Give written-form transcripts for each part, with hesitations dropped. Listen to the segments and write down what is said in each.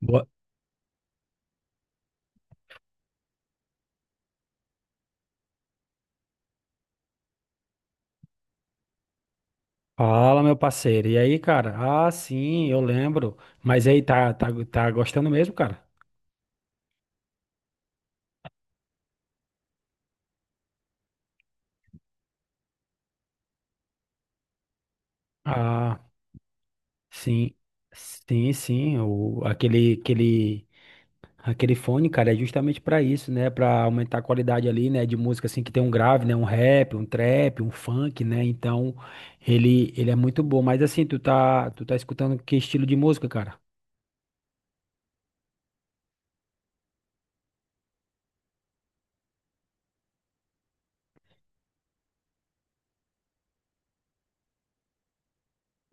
Boa- Fala, meu parceiro. E aí, cara? Ah, sim, eu lembro. Mas aí, tá gostando mesmo, cara? Ah, sim. Sim, sim. Aquele fone, cara, é justamente pra isso, né? Pra aumentar a qualidade ali, né? De música, assim, que tem um grave, né? Um rap, um trap, um funk, né? Então, ele é muito bom. Mas assim, tu tá escutando que estilo de música, cara?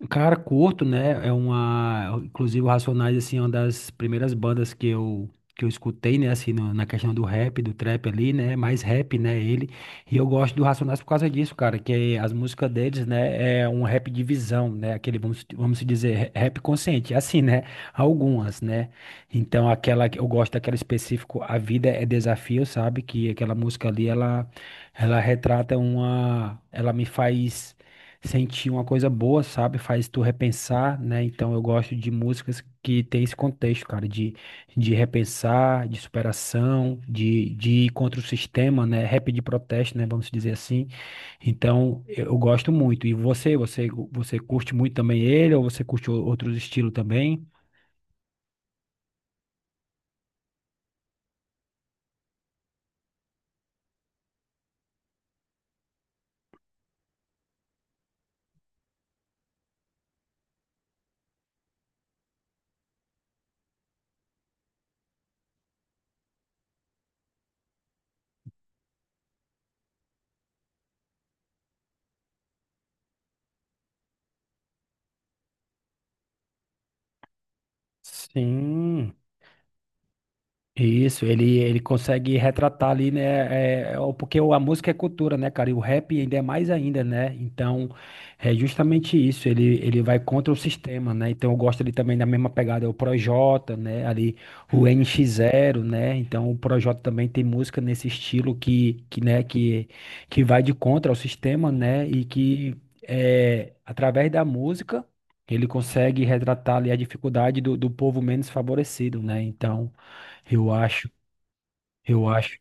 Cara, Corto, né? É uma. Inclusive, o Racionais, assim, é uma das primeiras bandas que eu escutei, né? Assim, na questão do rap, do trap ali, né? Mais rap, né? Ele. E eu gosto do Racionais por causa disso, cara. Que as músicas deles, né? É um rap de visão, né? Aquele, vamos se dizer, rap consciente. É assim, né? Algumas, né? Então, aquela que eu gosto daquela específico, A Vida é Desafio, sabe? Que aquela música ali, ela retrata uma. Ela me faz sentir uma coisa boa, sabe? Faz tu repensar, né? Então eu gosto de músicas que tem esse contexto, cara, de repensar, de superação, de ir contra o sistema, né? Rap de protesto, né? Vamos dizer assim. Então eu gosto muito. E você curte muito também ele ou você curte outros estilos também? Sim. Isso, ele consegue retratar ali, né? Porque a música é cultura, né, cara? E o rap ainda é mais ainda, né? Então, é justamente isso. Ele vai contra o sistema, né? Então, eu gosto ali também da mesma pegada, é o Projota, né? Ali, o NX Zero, né? Então, o Projota também tem música nesse estilo que vai de contra ao sistema, né? E que, através da música, ele consegue retratar ali a dificuldade do povo menos favorecido, né? Então. Eu acho, eu acho.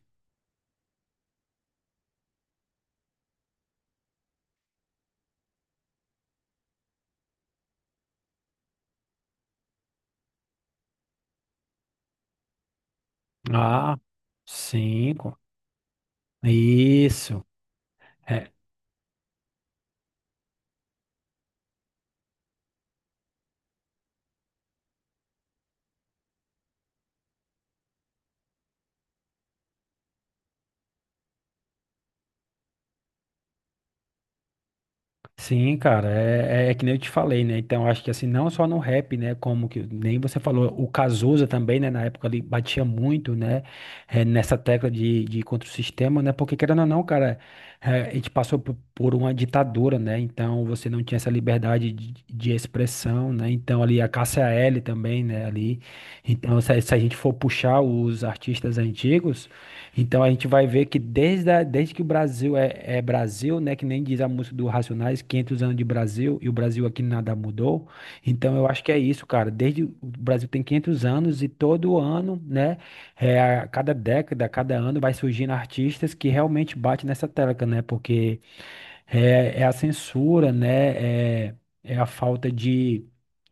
Ah, cinco. Isso. É, sim, cara, é que nem eu te falei, né? Então, acho que assim, não só no rap, né? Como que nem você falou, o Cazuza também, né? Na época ali batia muito, né? É, nessa tecla de contra o sistema, né? Porque querendo ou não, cara, a gente passou por uma ditadura, né? Então, você não tinha essa liberdade de expressão, né? Então, ali a Cássia Eller também, né? Ali. Então, se a gente for puxar os artistas antigos. Então a gente vai ver que desde que o Brasil é Brasil, né, que nem diz a música do Racionais, 500 anos de Brasil, e o Brasil aqui nada mudou. Então eu acho que é isso, cara. Desde o Brasil tem 500 anos e todo ano, né, a cada década, a cada ano vai surgindo artistas que realmente batem nessa tecla, né? Porque é a censura, né? É a falta de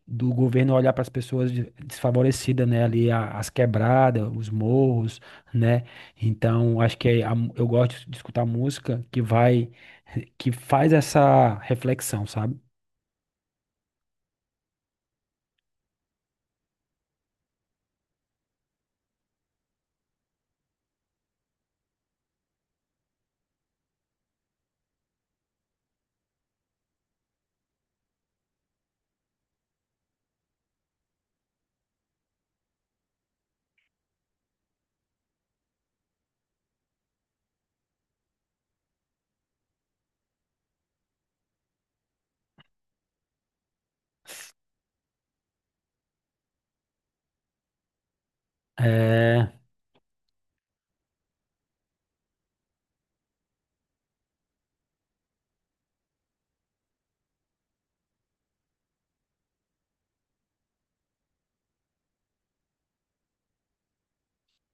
do governo olhar para as pessoas desfavorecidas, né? Ali as quebradas, os morros, né? Então, acho que é eu gosto de escutar música que faz essa reflexão, sabe? É.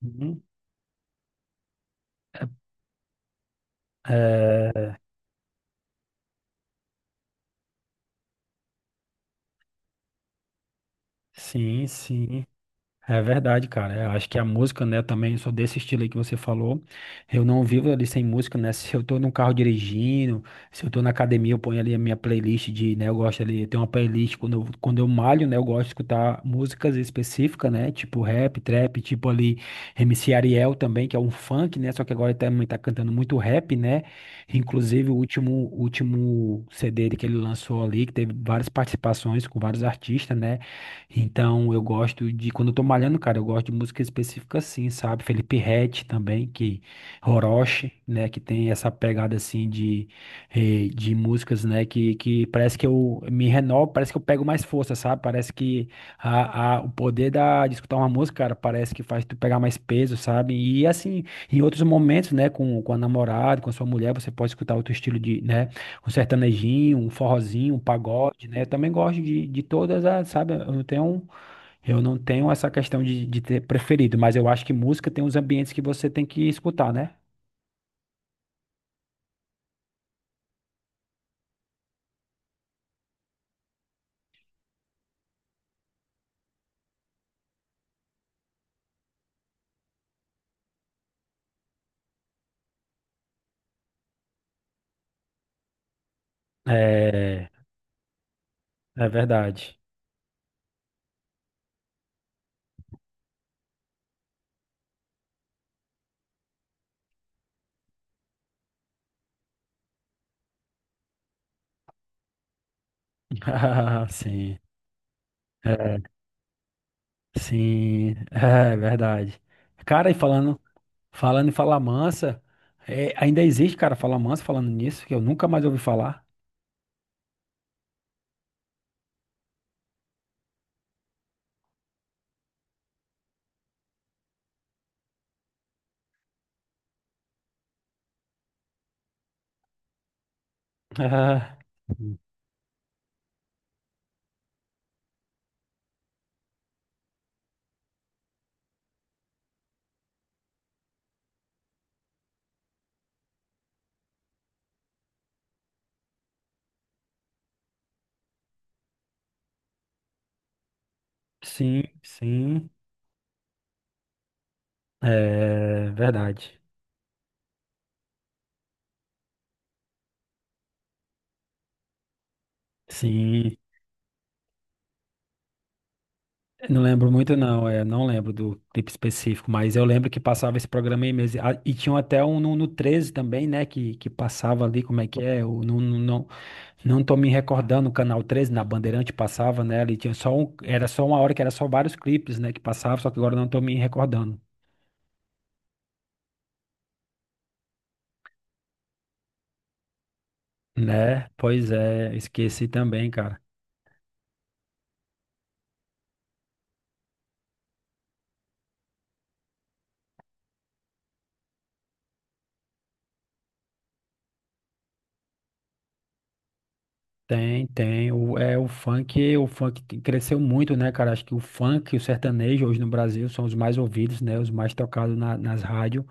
Uhum. É, sim, sim. É verdade, cara. Eu acho que a música, né, também sou desse estilo aí que você falou. Eu não vivo ali sem música, né? Se eu tô no carro dirigindo, se eu tô na academia, eu ponho ali a minha playlist de, né, eu gosto ali, tem uma playlist quando eu malho, né, eu gosto de escutar músicas específicas, né, tipo rap, trap, tipo ali MC Ariel também, que é um funk, né, só que agora ele também tá cantando muito rap, né? Inclusive o último CD dele que ele lançou ali, que teve várias participações com vários artistas, né? Então, eu gosto de, quando eu tô malhando, cara, eu gosto de música específica assim, sabe? Felipe Ret também, que Orochi, né, que tem essa pegada assim de músicas, né, que parece que eu me renovo, parece que eu pego mais força, sabe? Parece que o poder de escutar uma música, cara, parece que faz tu pegar mais peso, sabe? E assim, em outros momentos, né, com a namorada, com a sua mulher, você pode escutar outro estilo de, né? Um sertanejinho, um forrozinho, um pagode, né? Eu também gosto de todas as, sabe? Eu não tenho essa questão de ter preferido, mas eu acho que música tem uns ambientes que você tem que escutar, né? É, é verdade. Ah, sim, é, sim, é verdade. Cara, e falando em Fala Mansa, ainda existe, cara, Fala Mansa falando nisso, que eu nunca mais ouvi falar. Ah, sim, sim, é verdade. Sim. Não lembro muito, não. É, não lembro do clipe específico, mas eu lembro que passava esse programa aí mesmo. Ah, e tinha até um no 13 também, né? Que passava ali, como é que é? Eu não tô me recordando, o canal 13 na Bandeirante passava, né? Ali tinha só um, era só uma hora que era só vários clipes, né? Que passava, só que agora eu não tô me recordando. Né? Pois é, esqueci também, cara. Tem, tem. O funk que cresceu muito, né, cara? Acho que o funk e o sertanejo hoje no Brasil são os mais ouvidos, né? Os mais tocados nas rádios.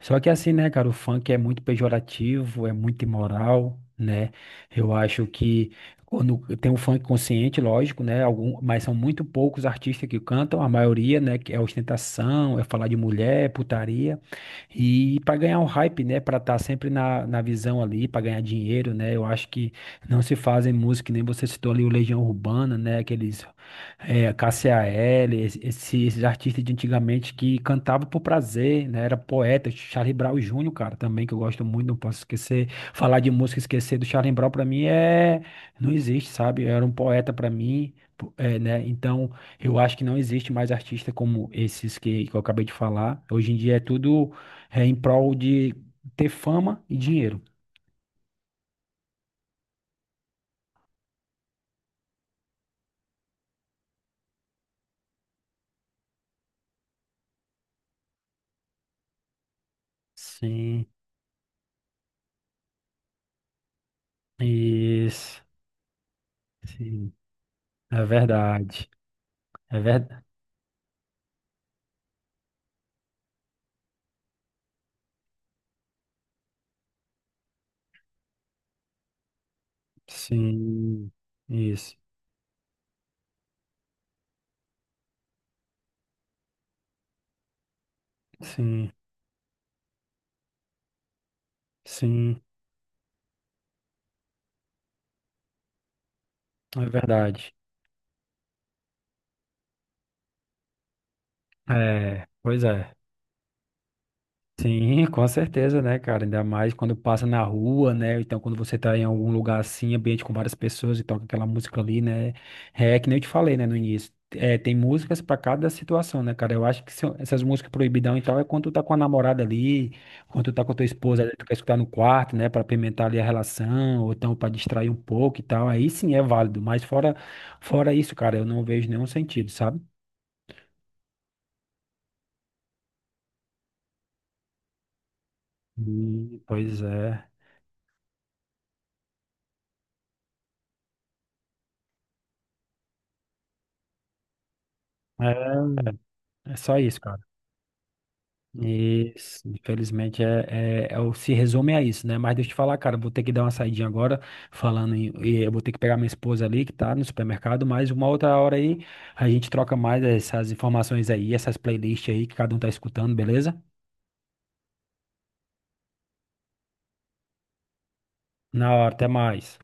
Só que assim, né, cara, o funk é muito pejorativo, é muito imoral, né? Eu acho que quando tem o funk consciente, lógico, né? Algum, mas são muito poucos artistas que cantam, a maioria, né, que é ostentação, é falar de mulher, é putaria. E para ganhar um hype, né? Para estar sempre na visão ali, para ganhar dinheiro, né? Eu acho que não se fazem música, que nem você citou ali o Legião Urbana, né? Aqueles KCAL, esses artistas de antigamente que cantavam por prazer, né? Era poeta, Charlie Brown Jr., cara, também, que eu gosto muito, não posso esquecer. Falar de música e esquecer do Charlie Brown, para mim, é... Não existe, sabe? Era um poeta para mim, né? Então, eu acho que não existe mais artista como esses que eu acabei de falar. Hoje em dia é tudo em prol de ter fama e dinheiro. Sim, isso. Sim, é verdade. É verdade. Sim, isso. Sim, sim, é verdade. É, pois é. Sim, com certeza, né, cara? Ainda mais quando passa na rua, né? Ou então, quando você tá em algum lugar assim, ambiente com várias pessoas e toca aquela música ali, né? É que nem eu te falei, né, no início. É, tem músicas pra cada situação, né, cara? Eu acho que essas músicas proibidão e tal é quando tu tá com a namorada ali, quando tu tá com a tua esposa ali, tu quer escutar no quarto, né, pra apimentar ali a relação, ou então pra distrair um pouco e tal. Aí sim é válido, mas fora isso, cara, eu não vejo nenhum sentido, sabe? Pois é. É, é só isso, cara. Isso, infelizmente se resume a isso, né? Mas deixa eu te falar, cara, vou ter que dar uma saidinha agora, e eu vou ter que pegar minha esposa ali que tá no supermercado, mas uma outra hora aí a gente troca mais essas informações aí, essas playlists aí que cada um tá escutando, beleza? Na hora, até mais.